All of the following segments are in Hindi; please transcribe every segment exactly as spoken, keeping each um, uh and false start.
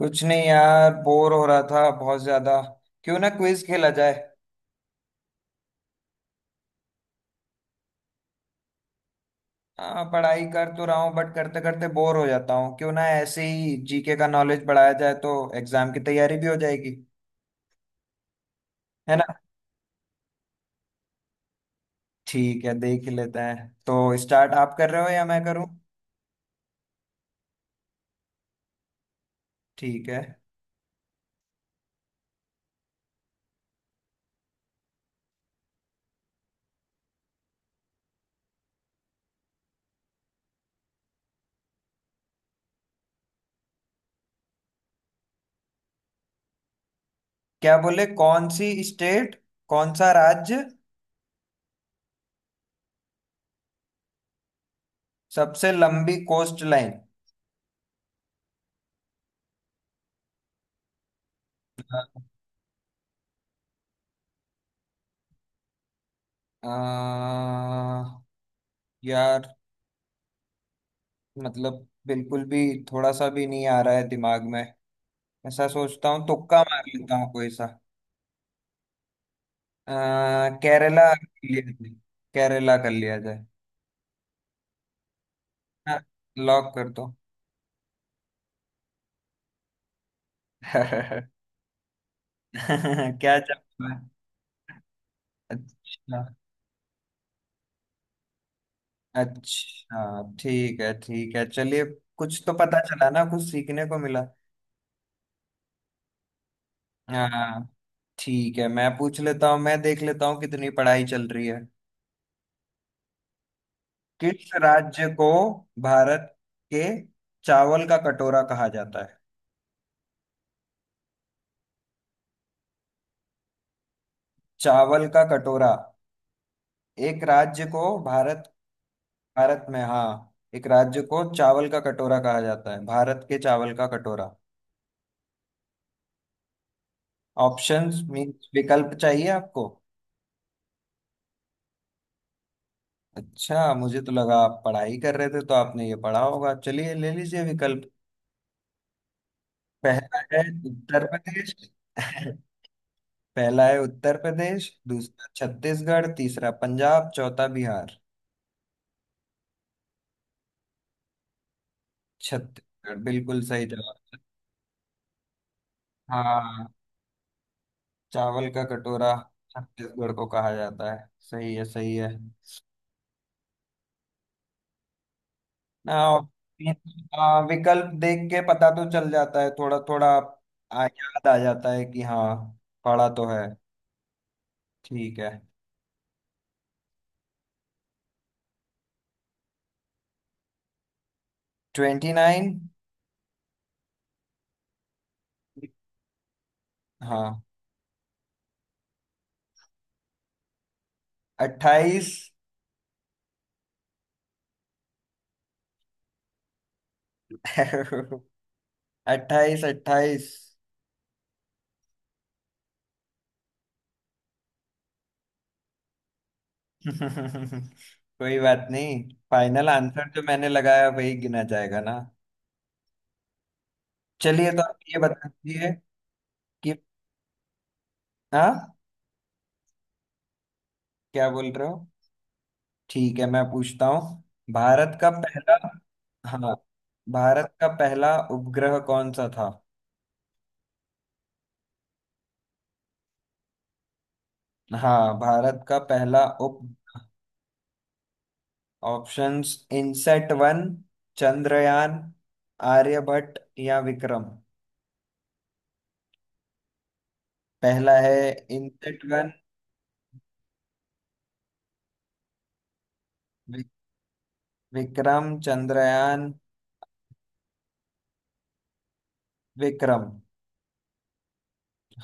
कुछ नहीं यार, बोर हो रहा था बहुत ज्यादा। क्यों ना क्विज खेला जाए। हाँ, पढ़ाई कर तो रहा हूँ, बट करते करते बोर हो जाता हूँ। क्यों ना ऐसे ही जीके का नॉलेज बढ़ाया जाए, तो एग्जाम की तैयारी भी हो जाएगी। है ना? ठीक है, देख ही लेते हैं। तो स्टार्ट आप कर रहे हो या मैं करूँ? ठीक है। क्या बोले? कौन सी स्टेट? कौन सा राज्य? सबसे लंबी कोस्ट लाइन? आ, यार, मतलब बिल्कुल भी, थोड़ा सा भी नहीं आ रहा है दिमाग में। ऐसा सोचता हूँ तुक्का मार लेता हूँ कोई सा। अ, केरला कर लिया जाए। केरला कर लिया जाए। हाँ, लॉक कर दो। क्या जवाब है? अच्छा। अच्छा, ठीक है। ठीक है, चलिए। कुछ तो पता चला ना, कुछ सीखने को मिला। हाँ। ठीक है, मैं पूछ लेता हूँ। मैं देख लेता हूँ कितनी पढ़ाई चल रही है। किस राज्य को भारत के चावल का कटोरा कहा जाता है? चावल का कटोरा, एक राज्य को भारत, भारत में, हाँ। एक राज्य को चावल का कटोरा कहा जाता है, भारत के चावल का कटोरा। ऑप्शंस मीन्स विकल्प चाहिए आपको? अच्छा, मुझे तो लगा आप पढ़ाई कर रहे थे तो आपने ये पढ़ा होगा। चलिए, ले लीजिए विकल्प। पहला है उत्तर प्रदेश। पहला है उत्तर प्रदेश, दूसरा छत्तीसगढ़, तीसरा पंजाब, चौथा बिहार। छत्तीसगढ़, बिल्कुल सही जवाब। हाँ, चावल का कटोरा छत्तीसगढ़ को कहा जाता है। सही है, सही है। आ, आ, विकल्प देख के पता तो चल जाता है थोड़ा थोड़ा। आ, याद आ जाता है कि हाँ, पढ़ा तो है। ठीक है। Twenty nine. हाँ, अट्ठाईस। अट्ठाईस, अट्ठाईस। कोई बात नहीं। फाइनल आंसर जो मैंने लगाया वही गिना जाएगा ना। चलिए, तो आप ये बता दीजिए कि। हाँ, क्या बोल रहे हो? ठीक है, मैं पूछता हूँ। भारत का पहला। हाँ, भारत का पहला उपग्रह कौन सा था? हाँ, भारत का पहला उप। ऑप्शंस: इनसेट वन, चंद्रयान, आर्यभट्ट या विक्रम। पहला है इनसेट वन। वि, विक्रम, चंद्रयान, विक्रम।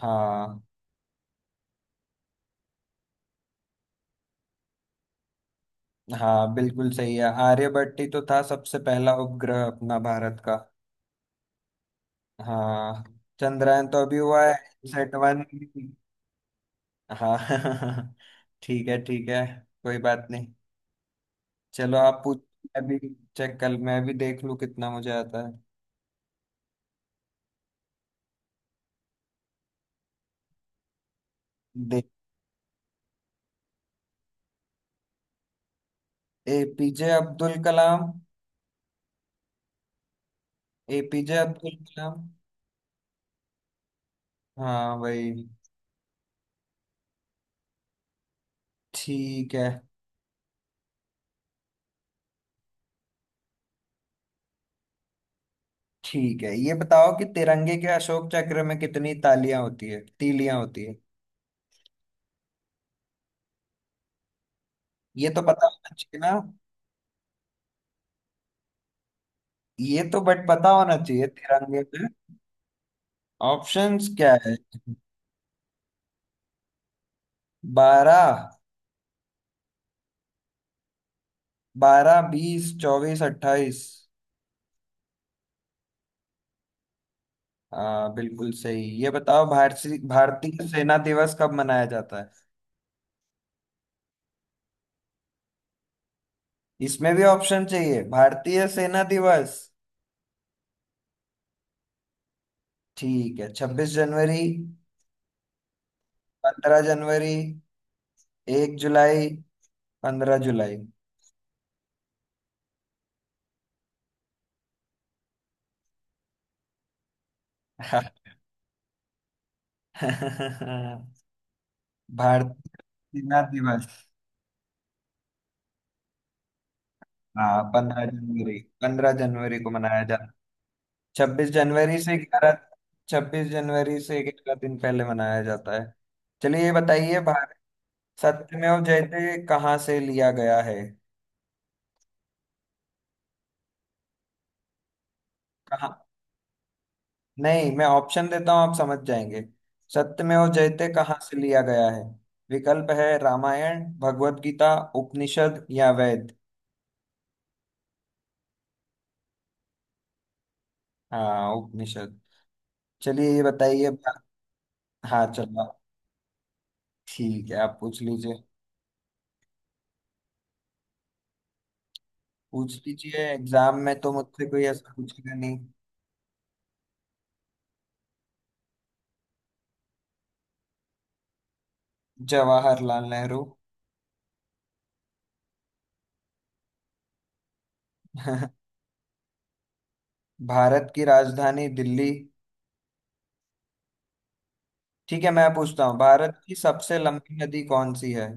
हाँ, हाँ बिल्कुल सही है, आर्यभट्ट ही तो था सबसे पहला उपग्रह अपना भारत का। हाँ, चंद्रयान तो अभी हुआ है, इनसेट वन। हाँ। ठीक है, ठीक है, कोई बात नहीं। चलो आप पूछ। मैं भी चेक, कल मैं भी देख लूं कितना मुझे आता है। देख। एपीजे अब्दुल कलाम। एपीजे अब्दुल कलाम। हाँ भाई। ठीक है। ठीक है, ये बताओ कि तिरंगे के अशोक चक्र में कितनी तालियां होती है, तीलियां होती है? ये तो पता होना चाहिए ना। ये तो बट पता होना चाहिए, तिरंगे में। ऑप्शंस क्या है? बारह, बारह, बीस, चौबीस, अट्ठाईस। हाँ बिल्कुल सही। ये बताओ, भारतीय भारतीय सेना दिवस कब मनाया जाता है? इसमें भी ऑप्शन चाहिए? भारतीय सेना दिवस, ठीक है। छब्बीस जनवरी, पंद्रह जनवरी, एक जुलाई, पंद्रह जुलाई। भारतीय सेना दिवस। हाँ, पंद्रह जनवरी। पंद्रह जनवरी को मनाया जाता। छब्बीस जनवरी से ग्यारह छब्बीस जनवरी से ग्यारह दिन पहले मनाया जाता है। चलिए ये बताइए, भारत। सत्यमेव जयते कहाँ से लिया गया है? कहा? नहीं, मैं ऑप्शन देता हूँ, आप समझ जाएंगे। सत्यमेव जयते कहाँ से लिया गया है? विकल्प है: रामायण, भगवत गीता, उपनिषद या वेद। हाँ, उपनिषद। चलिए ये बताइए। हाँ चलो। ठीक है, आप पूछ लीजिए। पूछ लीजिए, एग्जाम में तो मुझसे कोई ऐसा पूछेगा नहीं। जवाहरलाल नेहरू। भारत की राजधानी दिल्ली। ठीक है, मैं पूछता हूँ, भारत की सबसे लंबी नदी कौन सी है?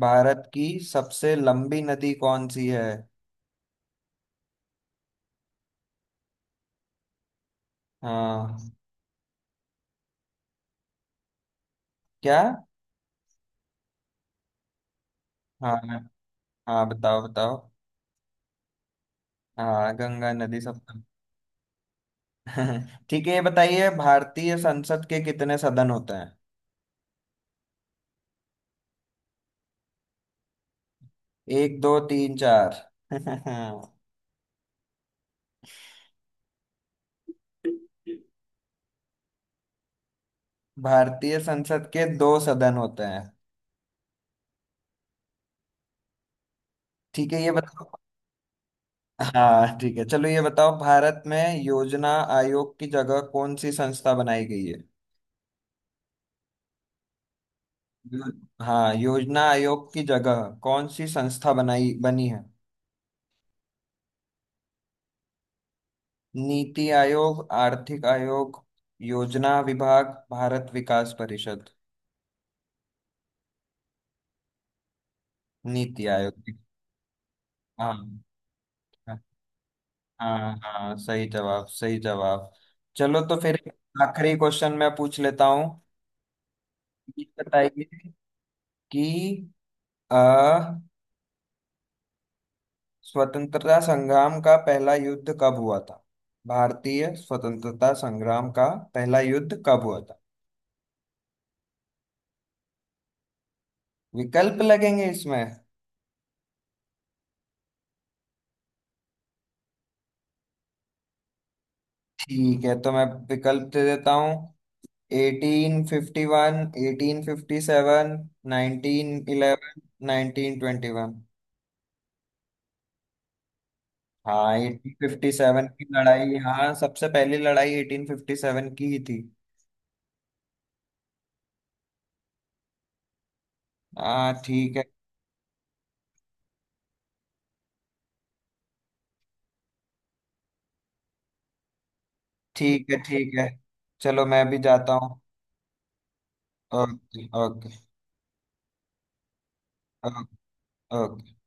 भारत की सबसे लंबी नदी कौन सी है? हाँ, क्या? हाँ, हाँ, बताओ, बताओ। हाँ, गंगा नदी सप्तम। ठीक है, ये बताइए, भारतीय संसद के कितने सदन होते हैं? एक, दो, तीन, चार। भारतीय संसद के दो सदन होते हैं। ठीक है, ये बताओ। हाँ ठीक है, चलो, ये बताओ, भारत में योजना आयोग की जगह कौन सी संस्था बनाई गई है? यो- हाँ, योजना आयोग की जगह कौन सी संस्था बनाई, बनी है? नीति आयोग, आर्थिक आयोग, योजना विभाग, भारत विकास परिषद। नीति आयोग। हाँ, हाँ, हाँ, सही जवाब, सही जवाब। चलो, तो फिर आखिरी क्वेश्चन मैं पूछ लेता हूँ। ये बताइए कि अ, स्वतंत्रता संग्राम का पहला युद्ध कब हुआ था? भारतीय स्वतंत्रता संग्राम का पहला युद्ध कब हुआ था? विकल्प लगेंगे इसमें? ठीक है, तो मैं विकल्प दे देता हूँ। Eighteen fifty one, eighteen fifty seven, nineteen eleven, nineteen twenty one. हाँ, एटीन फिफ्टी सेवन की लड़ाई। हाँ, सबसे पहली लड़ाई एटीन फिफ्टी सेवन की ही थी। हाँ, ठीक है, ठीक है, ठीक है। चलो, मैं भी जाता हूँ। Okay, okay, okay, okay.